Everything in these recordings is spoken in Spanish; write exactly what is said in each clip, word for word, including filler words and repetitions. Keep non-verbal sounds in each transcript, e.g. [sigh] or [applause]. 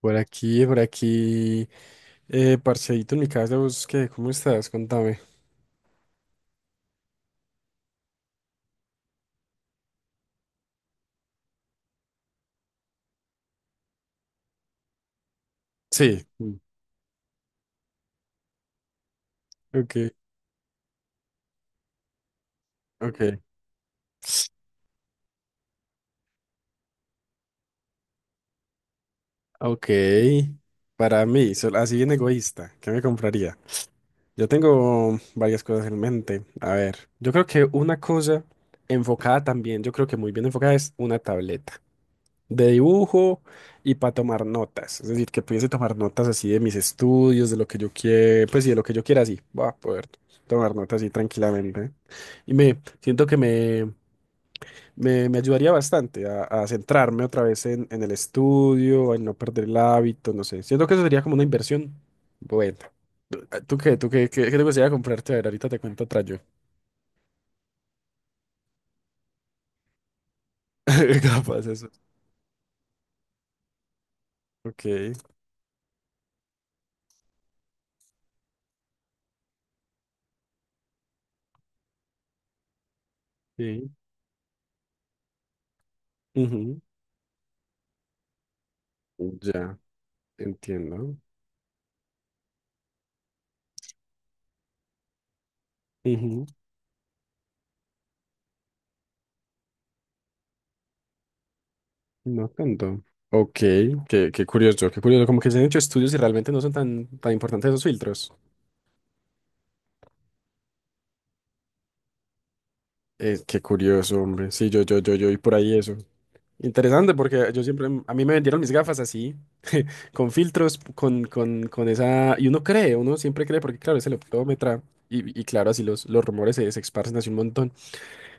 Por aquí, por aquí, eh, parceíto en mi casa, ¿vos qué? ¿Cómo estás? Contame. Sí. Mm. Ok, ok, ok. Para mí, sol- así bien egoísta, ¿qué me compraría? Yo tengo varias cosas en mente. A ver, yo creo que una cosa enfocada también, yo creo que muy bien enfocada es una tableta de dibujo y para tomar notas. Es decir, que pudiese tomar notas así de mis estudios, de lo que yo quiera, pues sí, de lo que yo quiera, así. Voy a poder tomar notas así tranquilamente. Y me siento que me, me, me ayudaría bastante a, a centrarme otra vez en, en el estudio, en no perder el hábito, no sé. Siento que eso sería como una inversión. Bueno. ¿Tú qué? ¿Tú qué? ¿Qué, qué te gustaría comprarte? A ver, ahorita te cuento otra yo. [laughs] Capaz eso. Ok. Sí. Ujú. Ya, entiendo. Ujú. No tanto. Ok, qué qué curioso, qué curioso. Como que se han hecho estudios y realmente no son tan, tan importantes esos filtros. Eh, qué curioso, hombre. Sí, yo, yo, yo, yo, y por ahí eso. Interesante porque yo siempre, a mí me vendieron mis gafas así, con filtros, con, con, con esa, y uno cree, uno siempre cree, porque claro, es el optómetra, y, y claro, así los, los rumores se, se esparcen así un montón.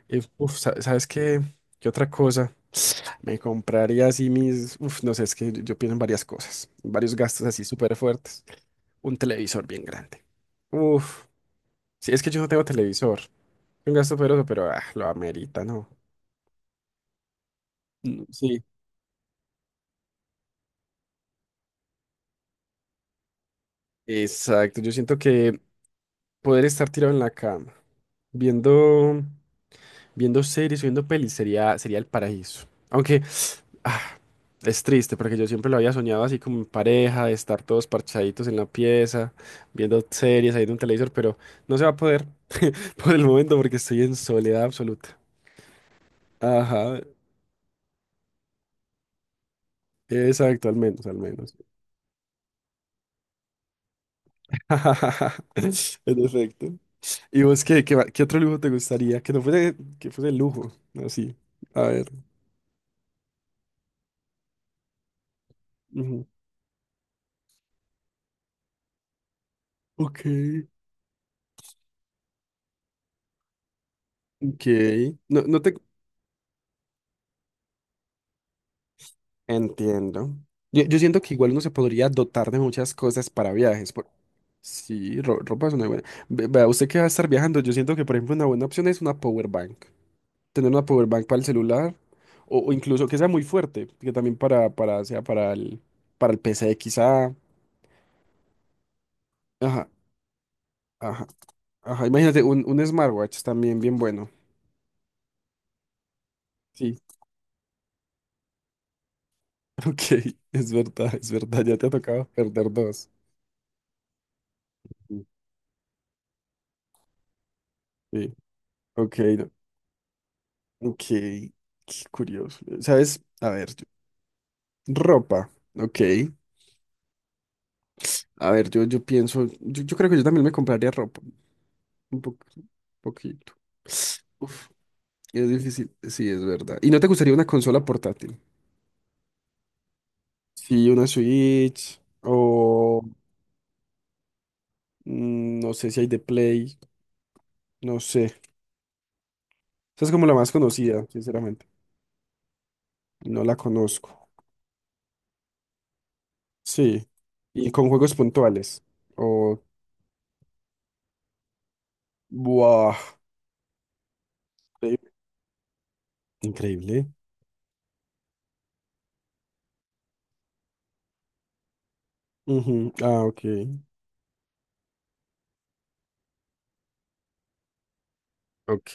Eh, uf, sa- ¿sabes qué? ¿Qué otra cosa? Me compraría así mis, uf, no sé, es que yo, yo pienso en varias cosas, varios gastos así súper fuertes. Un televisor bien grande. Uf, sí, es que yo no tengo televisor. Un gasto poderoso, pero ah, lo amerita, ¿no? Mm, sí, exacto. Yo siento que poder estar tirado en la cama, viendo, viendo series, viendo pelis, sería, sería el paraíso. Aunque [sniffs] ah, es triste, porque yo siempre lo había soñado así como en pareja, de estar todos parchaditos en la pieza, viendo series, ahí en un televisor, pero no se va a poder [laughs] por el momento porque estoy en soledad absoluta. Ajá, exacto, al menos, al menos. [laughs] En efecto. ¿Y vos qué, qué, va- qué otro lujo te gustaría? Que no fuese, que fuese lujo, así. A ver. Ujú. Ok. Ok. No, no te entiendo. Yo, yo siento que igual uno se podría dotar de muchas cosas para viajes. Por- sí, ro- ropa es una buena. Ve- vea, usted que va a estar viajando, yo siento que, por ejemplo, una buena opción es una power bank. Tener una power bank para el celular o, o incluso que sea muy fuerte, que también para, para, sea para el, para el P C quizá. Ajá, ajá. Ajá, imagínate, un, un smartwatch también bien bueno. Sí. [laughs] Ok, es verdad, es verdad, ya te ha tocado perder dos. Sí. Sí, ok, no, ok, qué curioso. ¿Sabes? A ver, yo- ropa, ok. A ver, yo, yo pienso, yo, yo creo que yo también me compraría ropa, un po- un poquito. Uf, es difícil, sí, es verdad. ¿Y no te gustaría una consola portátil? Sí, una Switch o mm, no sé si hay de Play, no sé. Esa es como la más conocida, sinceramente. No la conozco. Sí. Y con juegos puntuales. O buah. Increíble. Ujú, ah, ok. Ok,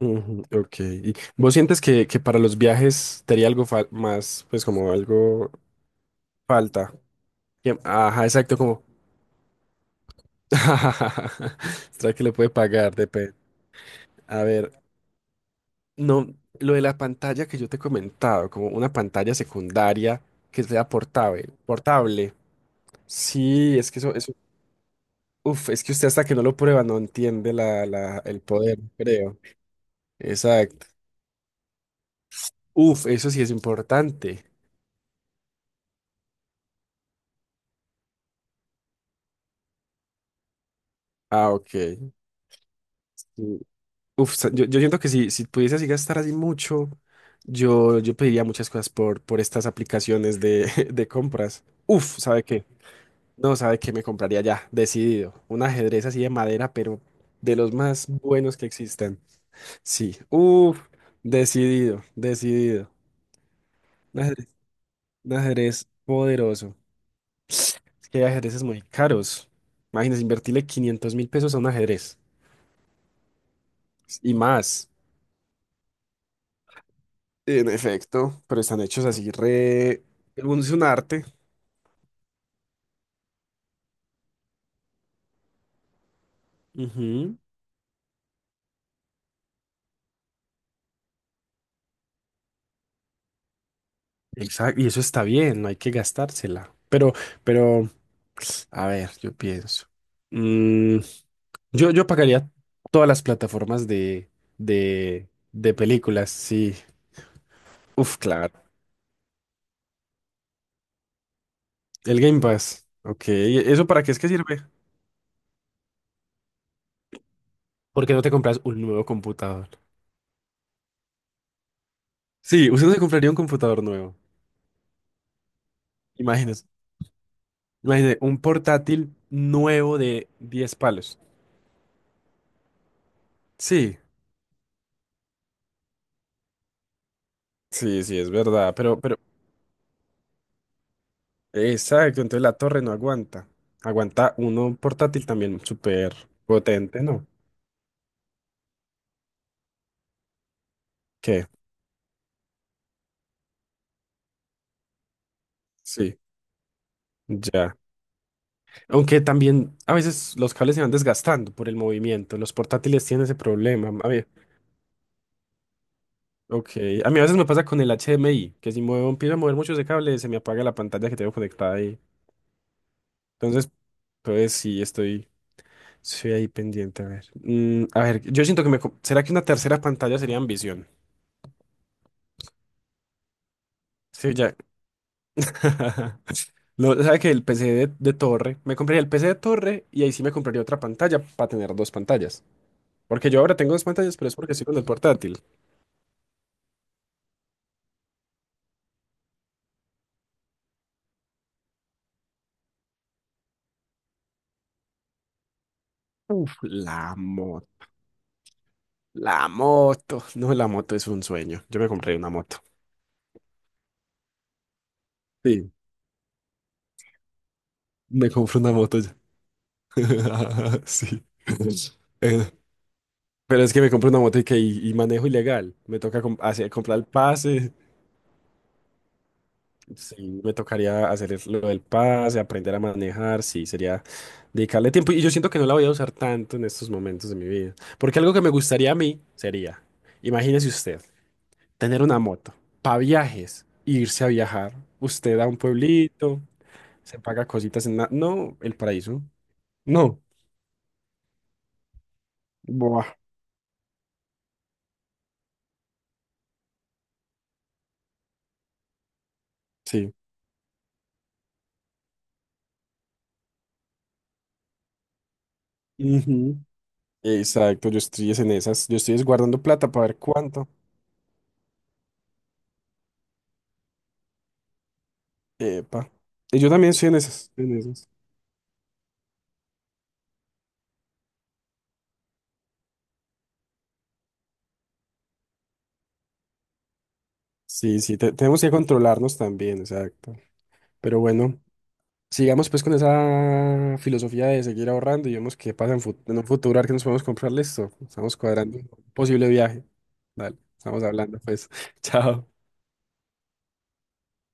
ujú, ok. ¿Y vos sientes que, que para los viajes te haría algo fal- más, pues como algo falta? Que- ajá, exacto, como... [laughs] ¿Será que le puede pagar? Depende. A ver, no, lo de la pantalla que yo te he comentado, como una pantalla secundaria que sea portable. Portable. Sí, es que eso, eso uf, es que usted hasta que no lo prueba no entiende la, la- el poder, creo. Exacto. Uf, eso sí es importante. Ah, ok. Sí. Uf, sa- yo, yo siento que si, si pudiese así gastar así mucho, yo, yo pediría muchas cosas por, por estas aplicaciones de, [laughs] de compras. Uf, ¿sabe qué? No, ¿sabe qué? Me compraría ya, decidido. Un ajedrez así de madera, pero de los más buenos que existen. Sí, uf, decidido, decidido. Un ajedrez, un ajedrez poderoso. Es que hay ajedrezes muy caros. Imagínense, invertirle quinientos mil pesos a un ajedrez. Y más. En efecto, pero están hechos así re... un- es un arte. Ujú. Exacto, y eso está bien, no hay que gastársela. Pero, pero, a ver, yo pienso. Mm, yo, yo pagaría todas las plataformas de, de, de películas, sí. Uf, claro. El Game Pass. Ok, ¿y eso para qué es que sirve? ¿Por qué no te compras un nuevo computador? Sí, usted no se compraría un computador nuevo. Imagínese. Imagínese, un portátil nuevo de diez palos. Sí, sí, sí, es verdad. Pero, pero, exacto, entonces la torre no aguanta. Aguanta uno portátil también súper potente, ¿no? ¿Qué? Sí, ya. Aunque también a veces los cables se van desgastando por el movimiento. Los portátiles tienen ese problema. A ver, ok. A mí a veces me pasa con el H D M I, que si muevo, empiezo a mover mucho ese cable, se me apaga la pantalla que tengo conectada ahí. Entonces, pues sí, estoy. Sí, ahí pendiente, a ver. Mm, a ver, yo siento que me... co- ¿Será que una tercera pantalla sería ambición? Sí, ya. [laughs] No, sabe que el P C de, de torre, me compraría el P C de torre y ahí sí me compraría otra pantalla para tener dos pantallas. Porque yo ahora tengo dos pantallas, pero es porque estoy con el portátil. Uf, la moto. La moto. No, la moto es un sueño. Yo me compré una moto. Sí, me compré una moto ya. [laughs] Sí. Eh, pero es que me compré una moto y, que, y, y manejo ilegal. Me toca com- hacer- comprar el pase. Sí, me tocaría hacer es- lo del pase, aprender a manejar, sí, sería dedicarle tiempo. Y yo siento que no la voy a usar tanto en estos momentos de mi vida. Porque algo que me gustaría a mí sería, imagínese usted, tener una moto para viajes, irse a viajar. Usted a un pueblito, se paga cositas en... la- no, el paraíso. No. Buah, sí. Ujú. Exacto, yo estoy es en esas. Yo estoy es guardando plata para ver cuánto. Epa. Y yo también estoy en esas. En esas. Sí, sí, te- tenemos que controlarnos también, exacto. Pero bueno, sigamos pues con esa filosofía de seguir ahorrando y vemos qué pasa en, fut- en un futuro, a ver qué nos podemos comprar, listo. Estamos cuadrando un posible viaje. Dale, estamos hablando pues. [laughs] Chao.